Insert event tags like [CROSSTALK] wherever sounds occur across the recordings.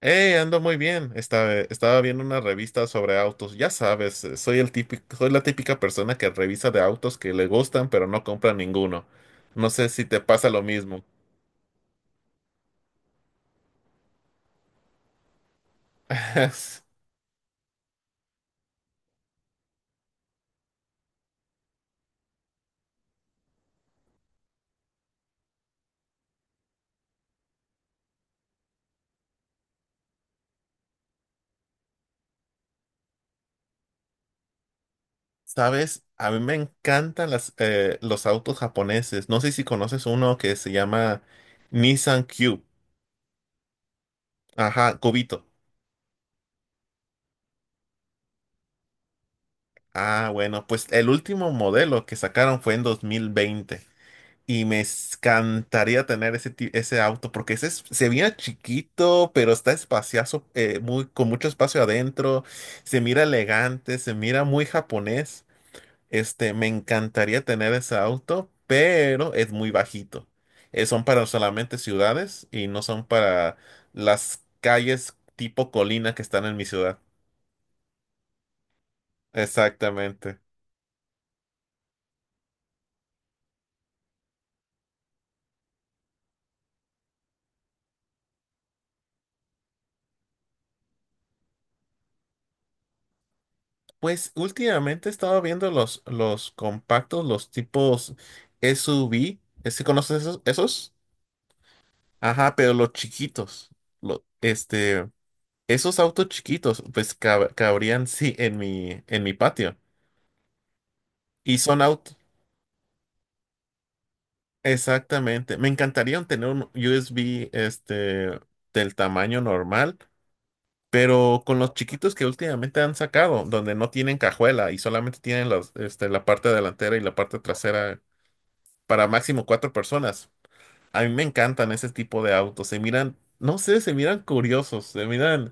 Hey, ando muy bien. Estaba viendo una revista sobre autos. Ya sabes, soy la típica persona que revisa de autos que le gustan, pero no compra ninguno. No sé si te pasa lo mismo. [LAUGHS] Sabes, a mí me encantan los autos japoneses. No sé si conoces uno que se llama Nissan Cube. Ajá, Cubito. Ah, bueno, pues el último modelo que sacaron fue en 2020. Y me encantaría tener ese auto porque se mira chiquito, pero está espacioso, con mucho espacio adentro. Se mira elegante, se mira muy japonés. Este, me encantaría tener ese auto, pero es muy bajito. Son para solamente ciudades y no son para las calles tipo colina que están en mi ciudad. Exactamente. Pues últimamente he estado viendo los compactos, los tipos SUV. ¿Sí conoces esos? Ajá, pero los chiquitos. Lo- este, esos autos chiquitos, pues cabrían sí en en mi patio. Y son autos. Exactamente. Me encantaría tener un USB este, del tamaño normal, pero con los chiquitos que últimamente han sacado, donde no tienen cajuela y solamente tienen la parte delantera y la parte trasera para máximo 4 personas. A mí me encantan ese tipo de autos. Se miran, no sé, se miran curiosos, se miran,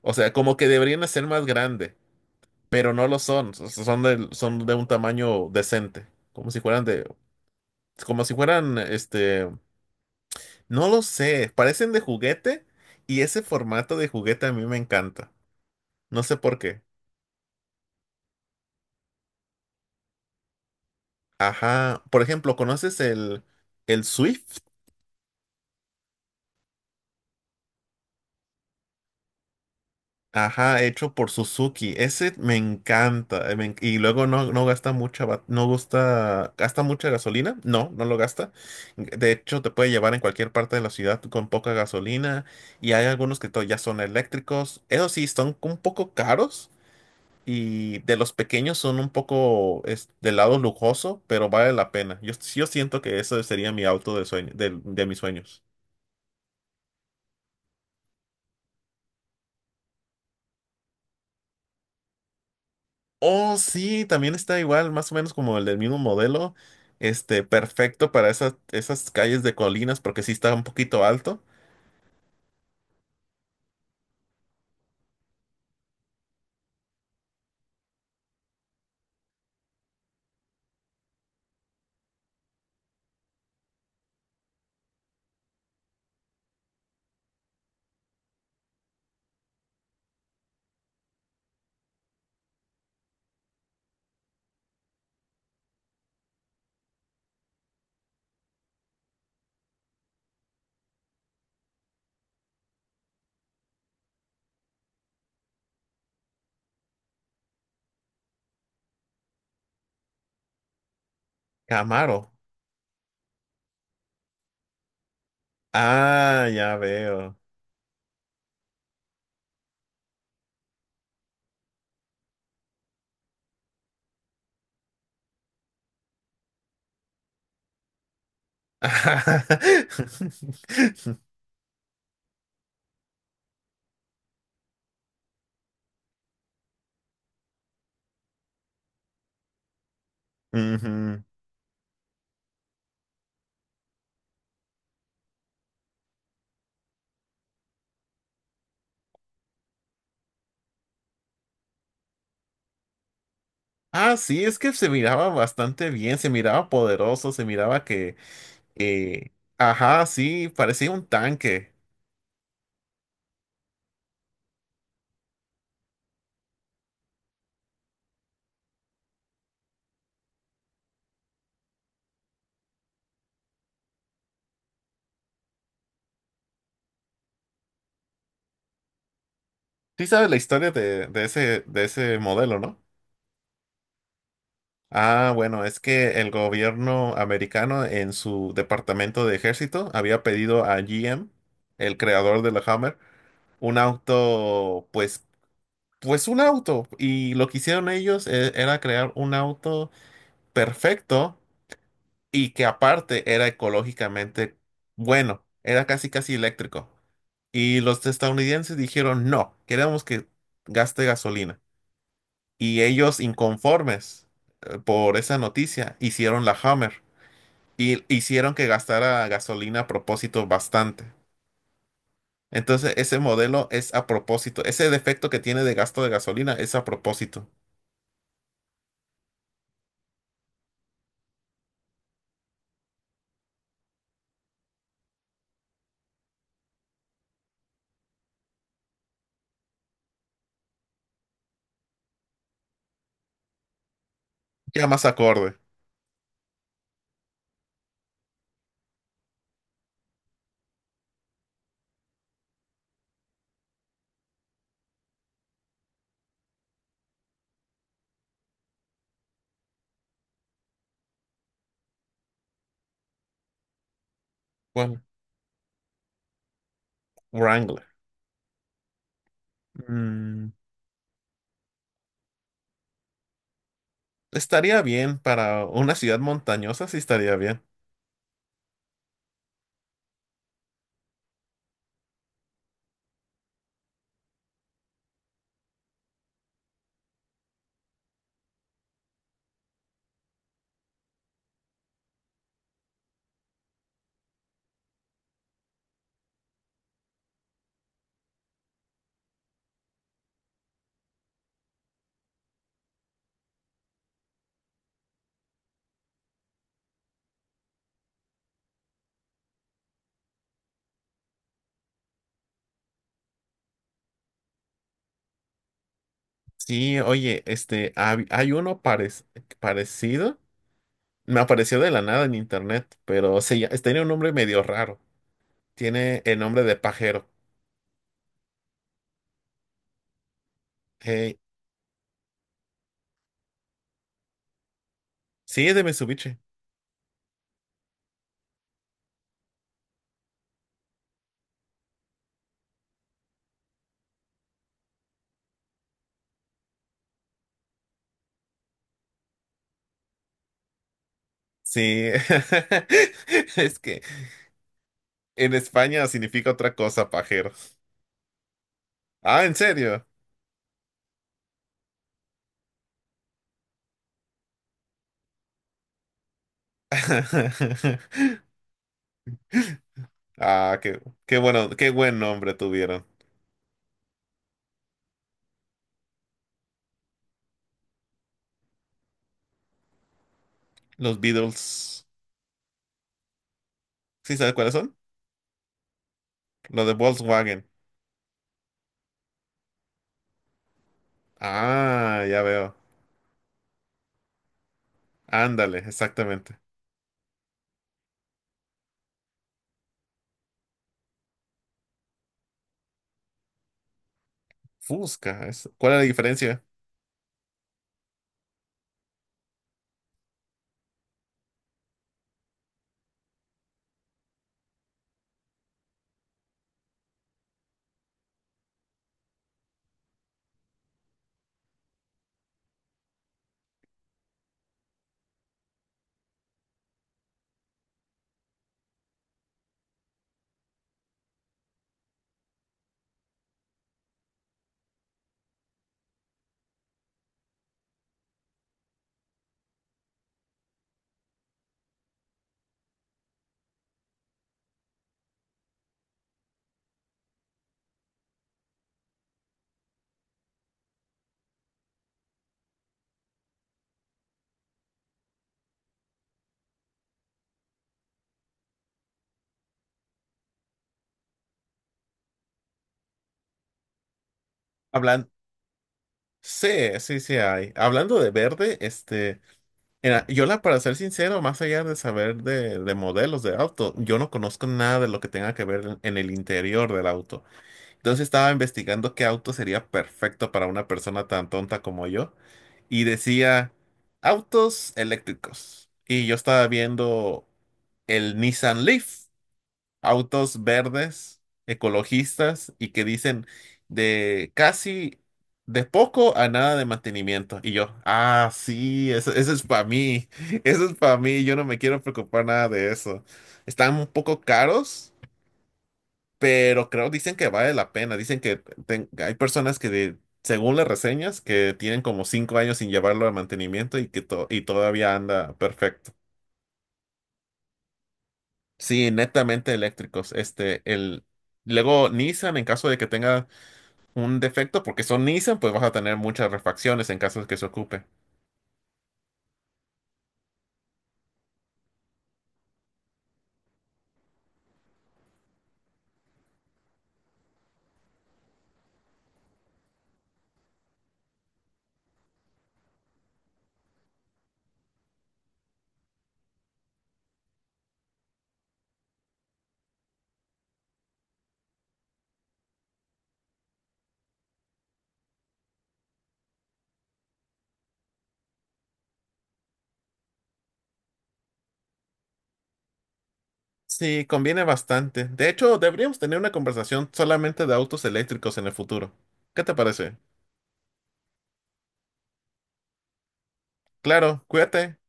o sea, como que deberían de ser más grande, pero no lo son. Son de un tamaño decente, como si fueran de, como si fueran, este, no lo sé, parecen de juguete y ese formato de juguete a mí me encanta. No sé por qué. Ajá. Por ejemplo, ¿conoces el Swift? Ajá, hecho por Suzuki. Ese me encanta. Y luego no gasta mucha, ba- no gusta, gasta mucha gasolina. No, no lo gasta. De hecho, te puede llevar en cualquier parte de la ciudad con poca gasolina. Y hay algunos que ya son eléctricos. Eso sí, son un poco caros. Y de los pequeños son un poco es, del lado lujoso, pero vale la pena. Yo siento que ese sería mi auto de sueño, de mis sueños. Oh, sí, también está igual, más o menos como el del mismo modelo. Este, perfecto para esas calles de colinas, porque sí está un poquito alto. Camaro. Ah, ya veo. [LAUGHS] Ujú. Ah, sí, es que se miraba bastante bien, se miraba poderoso, se miraba que- ajá, sí, parecía un tanque. Sí sabes la historia de ese, de ese modelo. No. Ah, bueno, es que el gobierno americano en su departamento de ejército había pedido a GM, el creador de la Hammer, un auto, pues un auto. Y lo que hicieron era crear un auto perfecto y que aparte era ecológicamente bueno, era casi casi eléctrico. Y los estadounidenses dijeron, no, queremos que gaste gasolina. Y ellos inconformes por esa noticia hicieron la Hammer y hicieron que gastara gasolina a propósito bastante. Entonces, ese modelo es a propósito. Ese defecto que tiene de gasto de gasolina es a propósito. Ya más acorde. Bueno, Wrangler. Mm, estaría bien para una ciudad montañosa, sí estaría bien. Sí, oye, este, parecido. Me apareció de la nada en internet, pero tenía un nombre medio raro. Tiene el nombre de pajero. Hey, sí, es de Mitsubishi. Sí, [LAUGHS] es que en España significa otra cosa, pajero. Ah, ¿en serio? [LAUGHS] Ah, qué bueno, qué buen nombre tuvieron. Los Beatles. ¿Sí sabes cuáles son? Los de Volkswagen. Ah, ya veo. Ándale, exactamente. Fusca. ¿Cuál es la diferencia? Hablan. Sí, sí hay. Hablando de verde, este. Mira, para ser sincero, más allá de saber de modelos de auto, yo no conozco nada de lo que tenga que ver en el interior del auto. Entonces estaba investigando qué auto sería perfecto para una persona tan tonta como yo y decía autos eléctricos. Y yo estaba viendo el Nissan Leaf, autos verdes, ecologistas y que dicen de casi de poco a nada de mantenimiento. Y yo, ah, sí, eso es para mí, [LAUGHS] eso es para mí, yo no me quiero preocupar nada de eso. Están un poco caros, pero creo dicen que vale la pena. Dicen que hay personas que según las reseñas, que tienen como 5 años sin llevarlo a mantenimiento y que y todavía anda perfecto. Sí, netamente eléctricos. Luego Nissan, en caso de que tenga un defecto, porque son Nissan, pues vas a tener muchas refacciones en caso de que se ocupe. Sí, conviene bastante. De hecho, deberíamos tener una conversación solamente de autos eléctricos en el futuro. ¿Qué te parece? Claro, cuídate.